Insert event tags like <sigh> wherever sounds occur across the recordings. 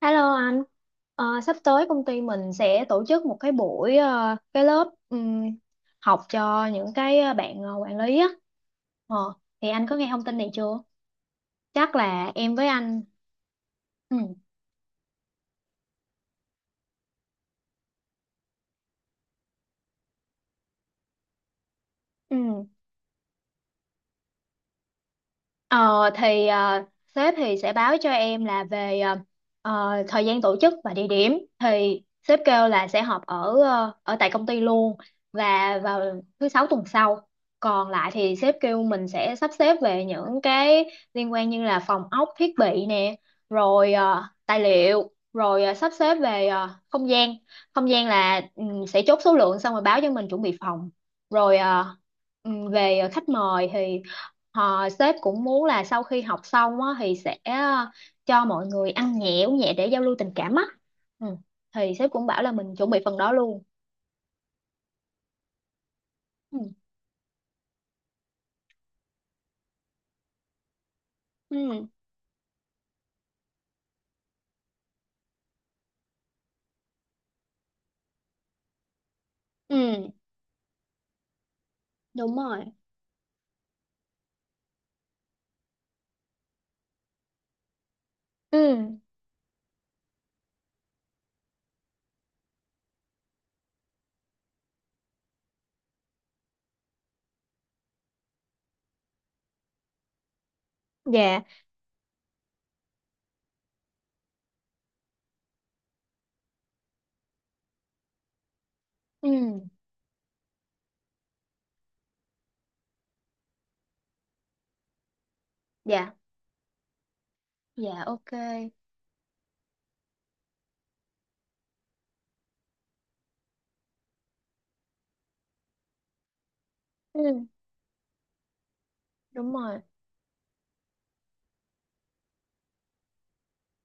Hello anh. Sắp tới công ty mình sẽ tổ chức một cái buổi cái lớp học cho những cái bạn quản lý á. Ờ, thì anh có nghe thông tin này chưa? Chắc là em với anh. Ừ. Ừ. Ờ thì ờ, Sếp thì sẽ báo cho em là về thời gian tổ chức và địa điểm thì sếp kêu là sẽ họp ở ở tại công ty luôn và vào thứ sáu tuần sau. Còn lại thì sếp kêu mình sẽ sắp xếp về những cái liên quan như là phòng ốc, thiết bị nè, rồi tài liệu, rồi sắp xếp về không gian. Không gian là ừ, sẽ chốt số lượng xong rồi báo cho mình chuẩn bị phòng. Rồi ờ, về khách mời thì họ sếp cũng muốn là sau khi học xong á, thì sẽ cho mọi người ăn nhẹ uống nhẹ để giao lưu tình cảm á. Ừ, thì sếp cũng bảo là mình chuẩn bị phần đó luôn. Ừ. Ừ. Ừ. Đúng rồi. Ừ. Dạ. Ừ. Dạ. Dạ ok. Ừ. Đúng rồi.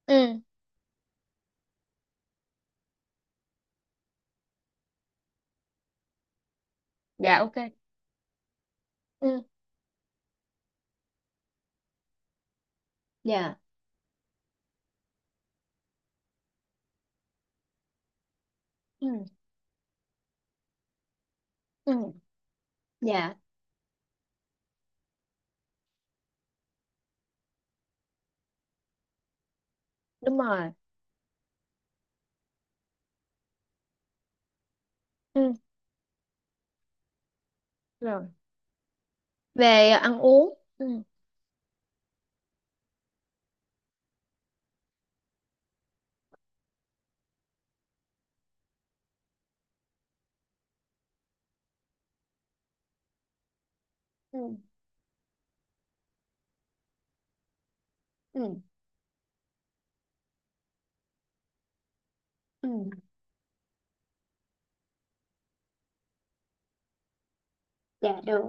Ừ. Dạ ok. Ừ. Dạ. Ừ. Ừ. Dạ. Đúng rồi. Ừ. Rồi. Về ăn uống, ừ. Ừ. Ừ. Ừ. Dạ được.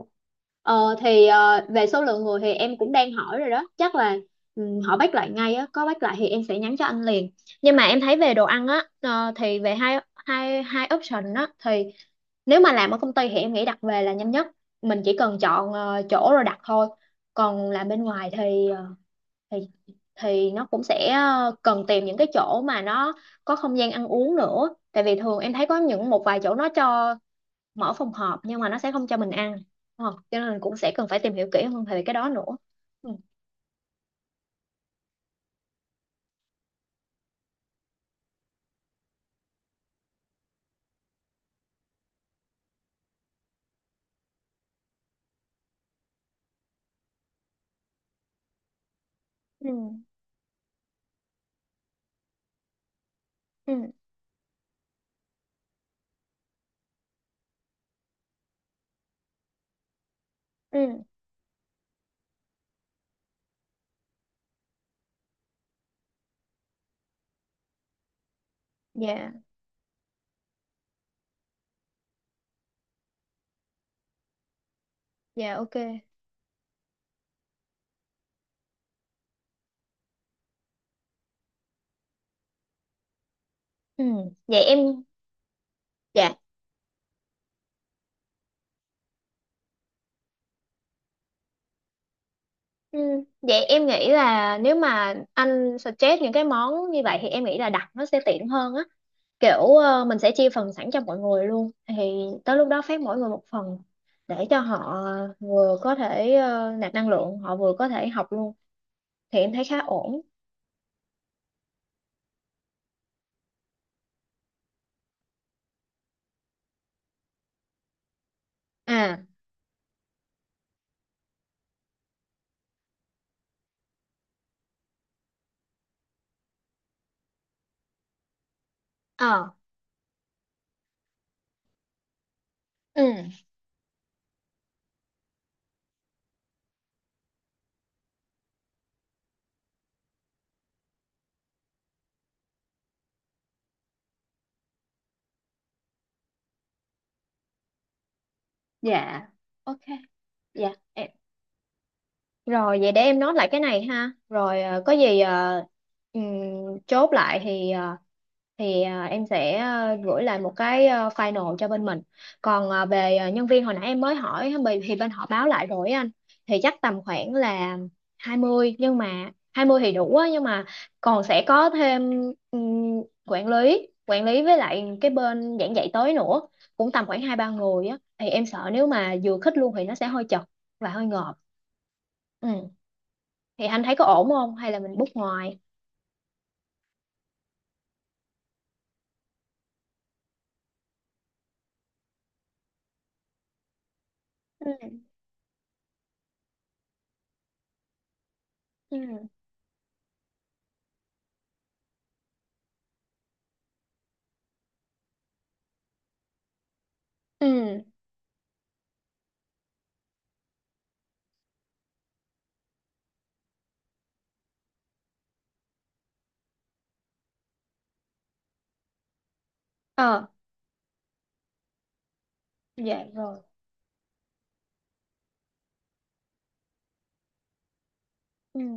Về số lượng người thì em cũng đang hỏi rồi đó, chắc là ừ, họ bắt lại ngay á. Có bắt lại thì em sẽ nhắn cho anh liền, nhưng mà em thấy về đồ ăn á, thì về hai hai hai option á thì nếu mà làm ở công ty thì em nghĩ đặt về là nhanh nhất, mình chỉ cần chọn chỗ rồi đặt thôi. Còn làm bên ngoài thì thì thì nó cũng sẽ cần tìm những cái chỗ mà nó có không gian ăn uống nữa, tại vì thường em thấy có những một vài chỗ nó cho mở phòng họp nhưng mà nó sẽ không cho mình ăn, đúng không, cho nên mình cũng sẽ cần phải tìm hiểu kỹ hơn về cái đó nữa. Ừ. Ừ. Ừ. Ừ. Dạ. Dạ ok. Ừ. Vậy em, dạ, ừ, vậy em nghĩ là nếu mà anh suggest những cái món như vậy thì em nghĩ là đặt nó sẽ tiện hơn á, kiểu mình sẽ chia phần sẵn cho mọi người luôn, thì tới lúc đó phát mỗi người một phần để cho họ vừa có thể nạp năng lượng, họ vừa có thể học luôn, thì em thấy khá ổn. À. Ờ. Ừ. Dạ ok. Dạ em rồi, vậy để em nốt lại cái này ha. Rồi ờ, có gì ờ, ừm, Chốt lại thì em sẽ gửi lại một cái final cho bên mình. Còn về nhân viên hồi nãy em mới hỏi thì bên họ báo lại rồi á anh. Thì chắc tầm khoảng là 20, nhưng mà 20 thì đủ á, nhưng mà còn sẽ có thêm quản lý với lại cái bên giảng dạy tới nữa, cũng tầm khoảng hai ba người á, thì em sợ nếu mà vừa khích luôn thì nó sẽ hơi chật và hơi ngợp. Ừ, thì anh thấy có ổn không hay là mình book ngoài? Ừ. Ừ. Ừ. Ờ. Dạ rồi. Ừ.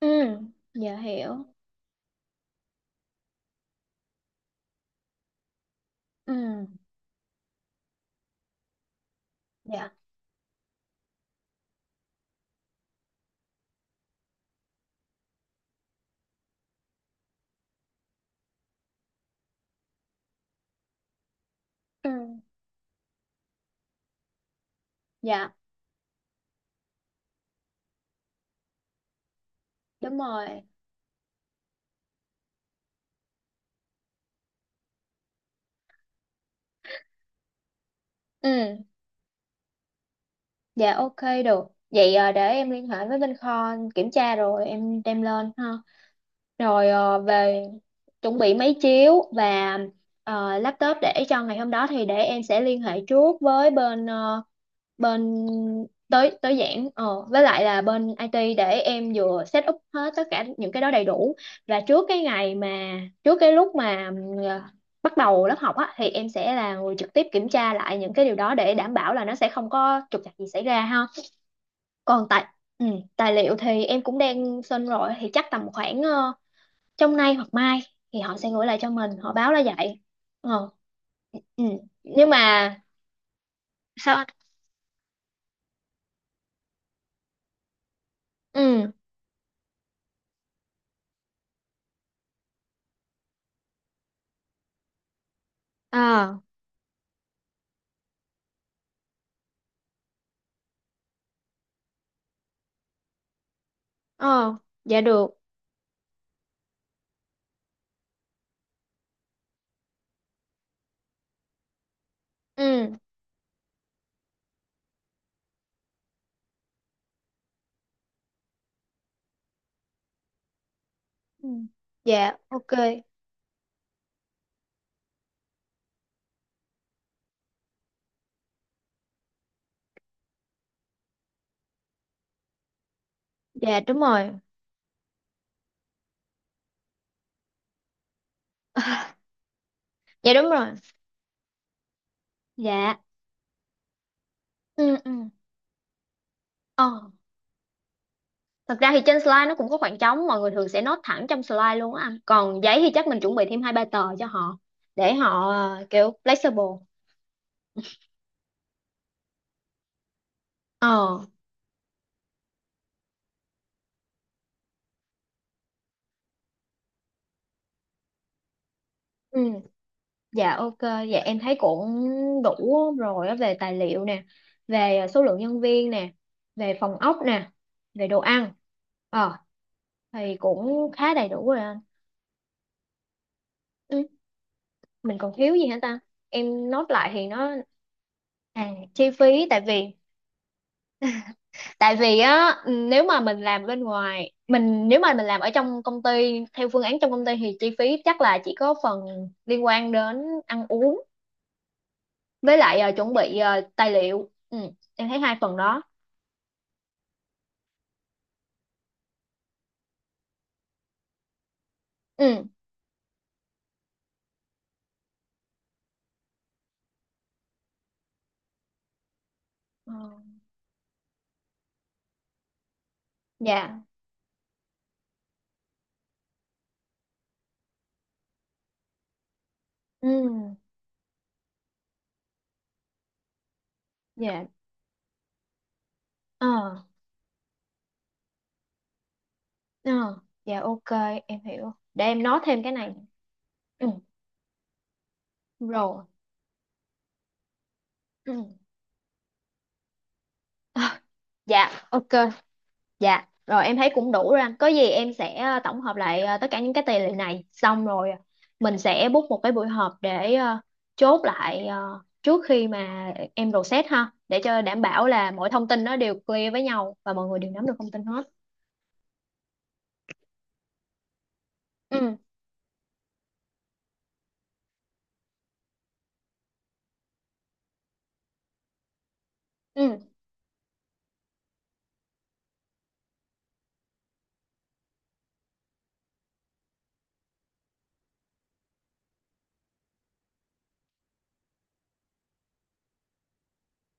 Ừ. Dạ hiểu. Ừ. Dạ. Ừ. Dạ. Đúng rồi. Ừ. Dạ ok. Được, vậy để em liên hệ với bên kho kiểm tra rồi em đem lên ha. Về chuẩn bị máy chiếu và laptop để cho ngày hôm đó thì để em sẽ liên hệ trước với bên bên tới tới giảng ờ với lại là bên IT để em vừa set up hết tất cả những cái đó đầy đủ, và trước cái ngày mà trước cái lúc mà bắt đầu lớp học á thì em sẽ là người trực tiếp kiểm tra lại những cái điều đó để đảm bảo là nó sẽ không có trục trặc gì xảy ra ha. Còn tài, ừ, tài liệu thì em cũng đang xin rồi, thì chắc tầm khoảng trong nay hoặc mai thì họ sẽ gửi lại cho mình, họ báo là vậy. Ờ. Ừ. Nhưng mà sao anh? Ừ. À. Ờ. Dạ được. Ừ. Ừ. Dạ ok. Dạ đúng rồi. <laughs> Dạ đúng rồi. Dạ. Ừ. Ừ. Ờ, thật ra thì trên slide nó cũng có khoảng trống, mọi người thường sẽ note thẳng trong slide luôn á anh. Còn giấy thì chắc mình chuẩn bị thêm hai ba tờ cho họ để họ kiểu flexible. Ờ. Ừ. Dạ ok, dạ em thấy cũng đủ rồi á, về tài liệu nè, về số lượng nhân viên nè, về phòng ốc nè, về đồ ăn. Ờ, thì cũng khá đầy đủ rồi anh. Ừ. Mình còn thiếu gì hả ta, em nốt lại thì nó. À, chi phí. Tại vì, tại vì á, nếu mà mình làm bên ngoài mình, nếu mà mình làm ở trong công ty theo phương án trong công ty thì chi phí chắc là chỉ có phần liên quan đến ăn uống với lại chuẩn bị tài liệu, ừ, em thấy hai phần đó. Ừ. Ờ. Dạ. Ừ. Dạ. Ờ. Ờ. Dạ ok, em hiểu, để em nói thêm cái này. Ừ. Rồi. Ừ. Ờ. Dạ ok. Dạ, rồi em thấy cũng đủ rồi anh. Có gì em sẽ tổng hợp lại tất cả những cái tài liệu này xong rồi mình sẽ book một cái buổi họp để chốt lại trước khi mà em process ha, để cho đảm bảo là mọi thông tin nó đều clear với nhau và mọi người đều nắm được thông tin hết. Ừ. Ừ.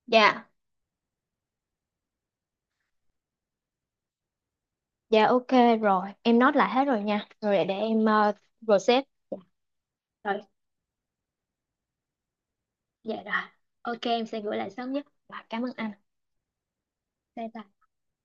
Dạ. Dạ ok. Rồi, em note lại hết rồi nha. Rồi, để em process. Rồi, dạ rồi. Ok, em sẽ gửi lại sớm nhất. Và cảm ơn anh. Bye bye.